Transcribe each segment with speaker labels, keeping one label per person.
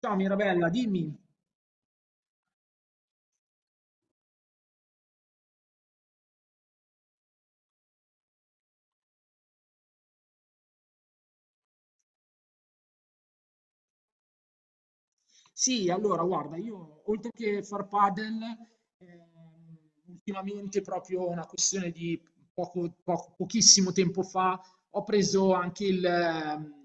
Speaker 1: Ciao Mirabella, dimmi. Sì, allora guarda, io oltre che far padel, ehm, ultimamente proprio una questione di pochissimo tempo fa, ho preso anche il,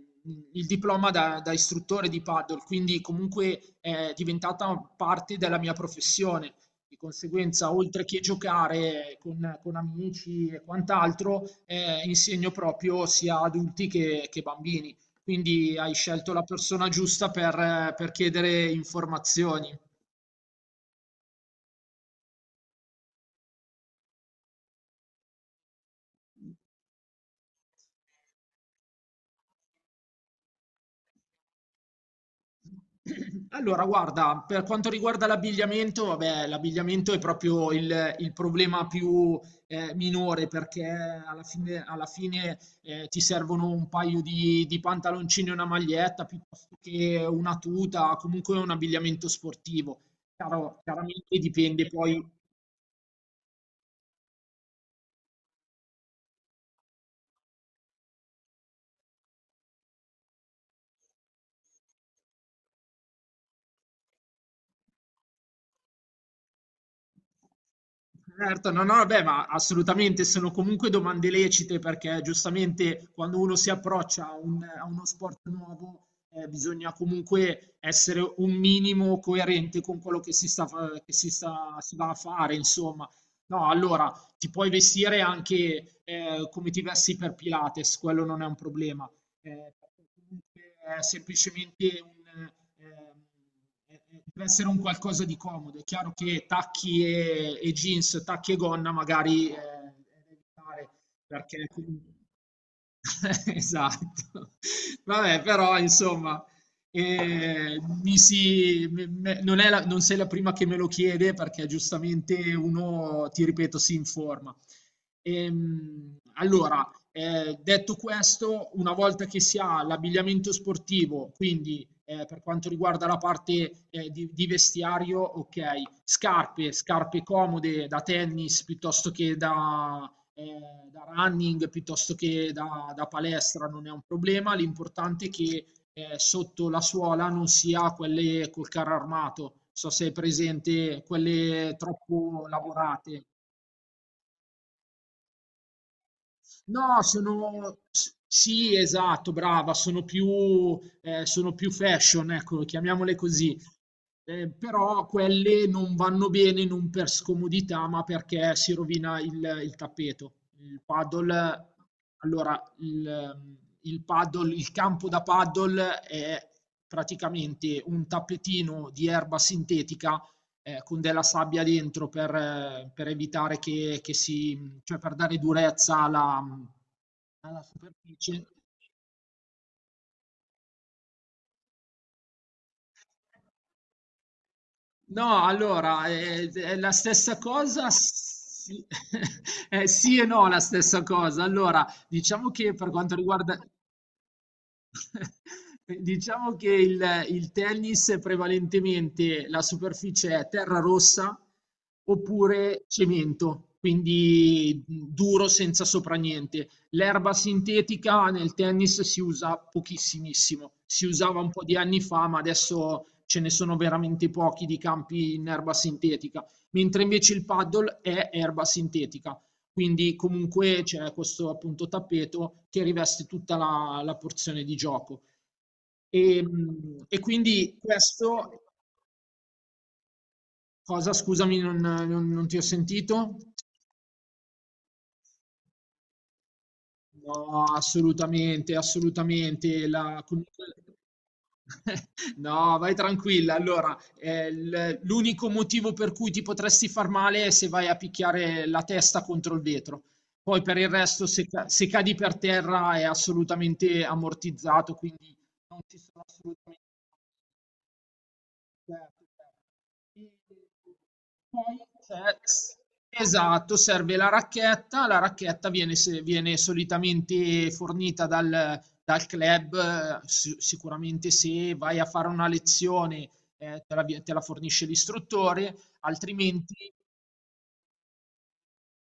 Speaker 1: il diploma da istruttore di padel, quindi comunque è diventata parte della mia professione. Di conseguenza, oltre che giocare con amici e quant'altro, insegno proprio sia adulti che bambini. Quindi hai scelto la persona giusta per chiedere informazioni. Allora, guarda, per quanto riguarda l'abbigliamento, vabbè, l'abbigliamento è proprio il problema più minore perché alla fine, ti servono un paio di pantaloncini e una maglietta piuttosto che una tuta, comunque un abbigliamento sportivo. Chiaramente dipende poi. Certo, no, no, beh, ma assolutamente sono comunque domande lecite perché giustamente quando uno si approccia a uno sport nuovo bisogna comunque essere un minimo coerente con quello che che si sta, si va a fare, insomma. No, allora ti puoi vestire anche come ti vesti per Pilates, quello non è un problema perché comunque è semplicemente un, ehm, deve essere un qualcosa di comodo. È chiaro che tacchi e jeans, tacchi e gonna magari è da evitare perché comunque... Esatto. Vabbè, però insomma, mi si, me- me- non è non sei la prima che me lo chiede perché giustamente uno, ti ripeto, si informa. Allora, detto questo, una volta che si ha l'abbigliamento sportivo, quindi per quanto riguarda la parte eh, vestiario, ok, scarpe, scarpe comode da tennis piuttosto che da running, piuttosto che da palestra, non è un problema, l'importante è che sotto la suola non si ha quelle col carro armato, so se è presente, quelle troppo lavorate. No, sono... Sì, esatto, brava, sono più fashion, ecco, chiamiamole così. Però quelle non vanno bene non per scomodità, ma perché si rovina il tappeto. Il paddle, allora, il paddle, il campo da paddle è praticamente un tappetino di erba sintetica con della sabbia dentro per evitare che cioè per dare durezza alla superficie. No, allora, è la stessa cosa, sì, sì e no, la stessa cosa. Allora, diciamo che per quanto riguarda... Diciamo che il tennis è prevalentemente la superficie è terra rossa oppure cemento, quindi duro senza sopra niente. L'erba sintetica nel tennis si usa pochissimissimo, si usava un po' di anni fa, ma adesso ce ne sono veramente pochi di campi in erba sintetica, mentre invece il paddle è erba sintetica, quindi comunque c'è questo appunto tappeto che riveste tutta la porzione di gioco. E, e quindi questo, cosa scusami non ti ho sentito? No, assolutamente, assolutamente. La, comunque... No, vai tranquilla. Allora, l'unico motivo per cui ti potresti far male è se vai a picchiare la testa contro il vetro. Poi per il resto, se cadi per terra è assolutamente ammortizzato, quindi non ci sono assolutamente... Certo, certo. E poi c'è... esatto, serve la racchetta viene, viene solitamente fornita dal club, sicuramente se vai a fare una lezione, te la fornisce l'istruttore, altrimenti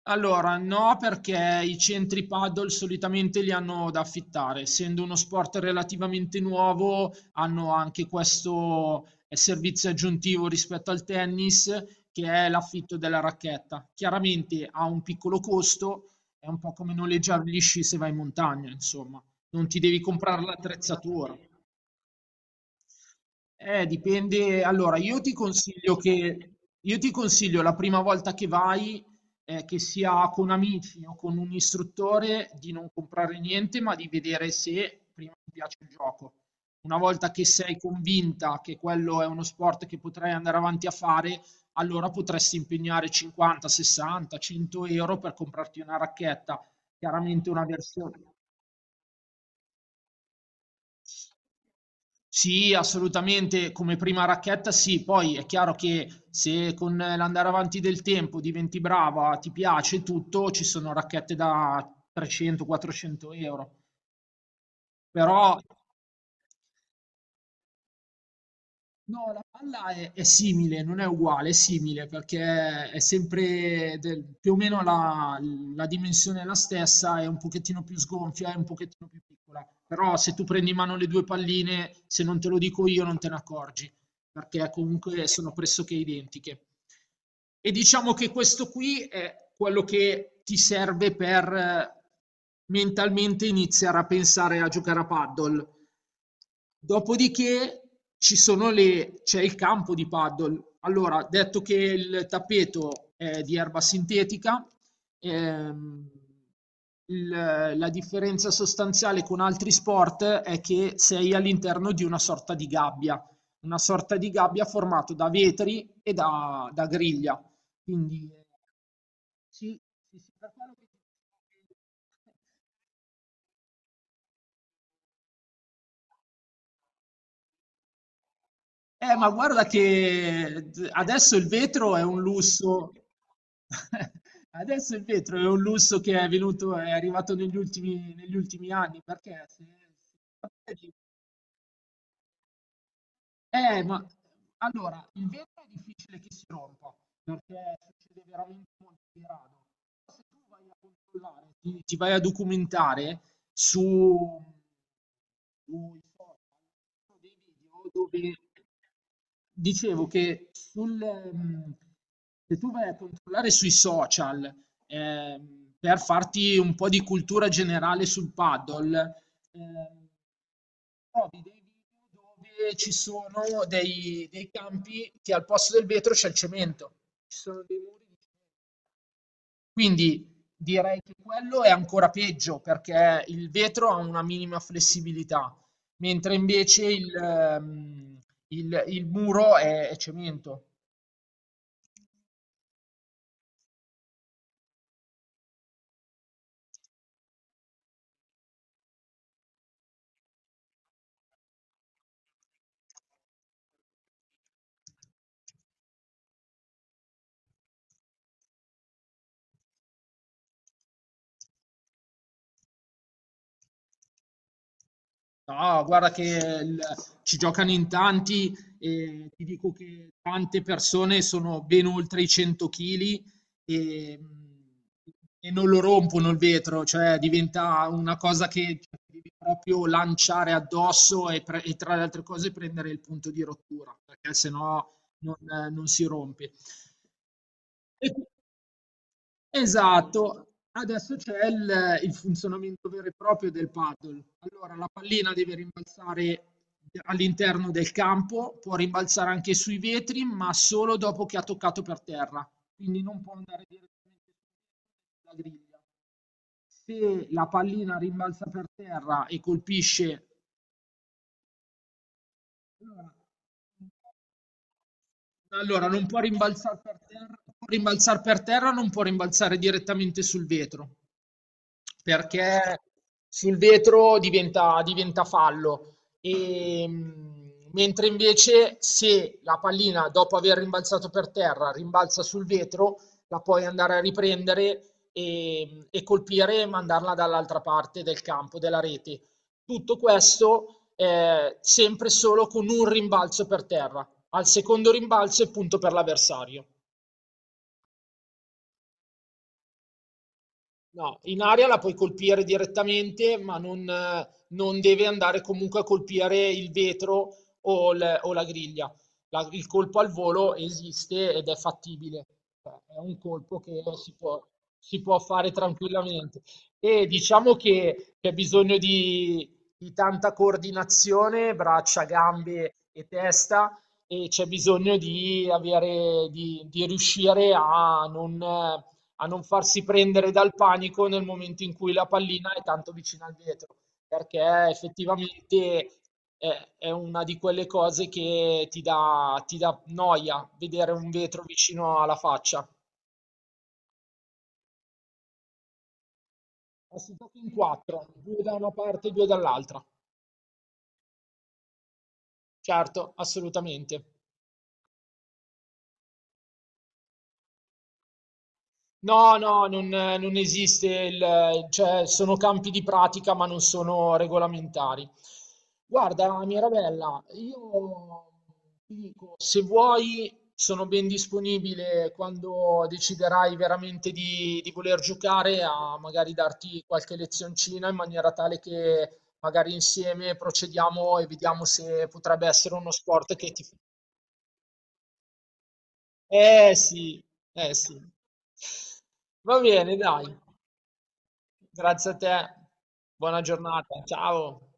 Speaker 1: allora, no, perché i centri paddle solitamente li hanno da affittare. Essendo uno sport relativamente nuovo, hanno anche questo servizio aggiuntivo rispetto al tennis, che è l'affitto della racchetta. Chiaramente ha un piccolo costo, è un po' come noleggiare gli sci se vai in montagna, insomma, non ti devi comprare l'attrezzatura. Dipende. Allora, io ti consiglio la prima volta che vai, che sia con amici o con un istruttore, di non comprare niente, ma di vedere se prima ti piace il gioco. Una volta che sei convinta che quello è uno sport che potrai andare avanti a fare, allora potresti impegnare 50, 60, 100 euro per comprarti una racchetta. Chiaramente una versione. Sì, assolutamente, come prima racchetta sì, poi è chiaro che se con l'andare avanti del tempo diventi brava, ti piace tutto, ci sono racchette da 300-400 euro, però... No, la palla è simile, non è uguale, è simile perché è sempre più o meno la dimensione è la stessa, è un pochettino più sgonfia, è un pochettino più piccola. Però se tu prendi in mano le due palline, se non te lo dico io, non te ne accorgi, perché comunque sono pressoché identiche. E diciamo che questo qui è quello che ti serve per mentalmente iniziare a pensare a giocare a paddle. Dopodiché c'è il campo di paddle. Allora, detto che il tappeto è di erba sintetica, ehm, il- la differenza sostanziale con altri sport è che sei all'interno di una sorta di gabbia, una sorta di gabbia formata da vetri e da griglia. Quindi, sì, sì, sì, per quello che... ma guarda che adesso il vetro è un lusso. Adesso il vetro è un lusso che è arrivato negli ultimi anni, perché se- ma allora, il vetro è difficile che si rompa, perché succede veramente molto di rado. Se tu vai a controllare, ti vai a documentare su, sui social sono dei video dove dicevo che mm, se tu vai a controllare sui social, per farti un po' di cultura generale sul paddle, ehm, trovi dei video dove ci sono dei campi che al posto del vetro c'è il cemento, ci sono dei muri di, quindi direi che quello è ancora peggio perché il vetro ha una minima flessibilità, mentre invece il muro è cemento. No, guarda che il... ci giocano in tanti e ti dico che tante persone sono ben oltre i 100 kg e, e non lo rompono il vetro, cioè diventa una cosa che ti devi proprio lanciare addosso e tra le altre cose prendere il punto di rottura, perché sennò non, non si rompe. E... Esatto, adesso c'è il funzionamento vero e proprio del paddle. Allora, la pallina deve rimbalzare all'interno del campo, può rimbalzare anche sui vetri, ma solo dopo che ha toccato per terra, quindi non può andare direttamente sulla griglia. Se la pallina rimbalza per terra e colpisce, allora allora, non può rimbalzare per terra, può rimbalzare per terra, non può rimbalzare direttamente sul vetro. Perché sul vetro diventa fallo. E, mentre invece se la pallina, dopo aver rimbalzato per terra, rimbalza sul vetro, la puoi andare a riprendere e colpire e mandarla dall'altra parte del campo, della rete. Tutto questo, sempre solo con un rimbalzo per terra. Al secondo rimbalzo è punto per l'avversario. No, in aria la puoi colpire direttamente, ma non, non deve andare comunque a colpire il vetro o la griglia. Il colpo al volo esiste ed è fattibile. Cioè, è un colpo si può fare tranquillamente. E diciamo che c'è bisogno di tanta coordinazione, braccia, gambe e testa, e c'è bisogno di avere, di riuscire a non farsi prendere dal panico nel momento in cui la pallina è tanto vicina al vetro, perché effettivamente è una di quelle cose che ti dà noia vedere un vetro vicino alla faccia. Ma si gioca in quattro, due da una parte e due dall'altra. Certo, assolutamente. No, no, non esiste il, cioè sono campi di pratica ma non sono regolamentari. Guarda, Mirabella, io ti dico, se vuoi sono ben disponibile quando deciderai veramente di voler giocare a magari darti qualche lezioncina in maniera tale che magari insieme procediamo e vediamo se potrebbe essere uno sport che ti... Eh sì, eh sì. Va bene, dai. Grazie a te, buona giornata, ciao.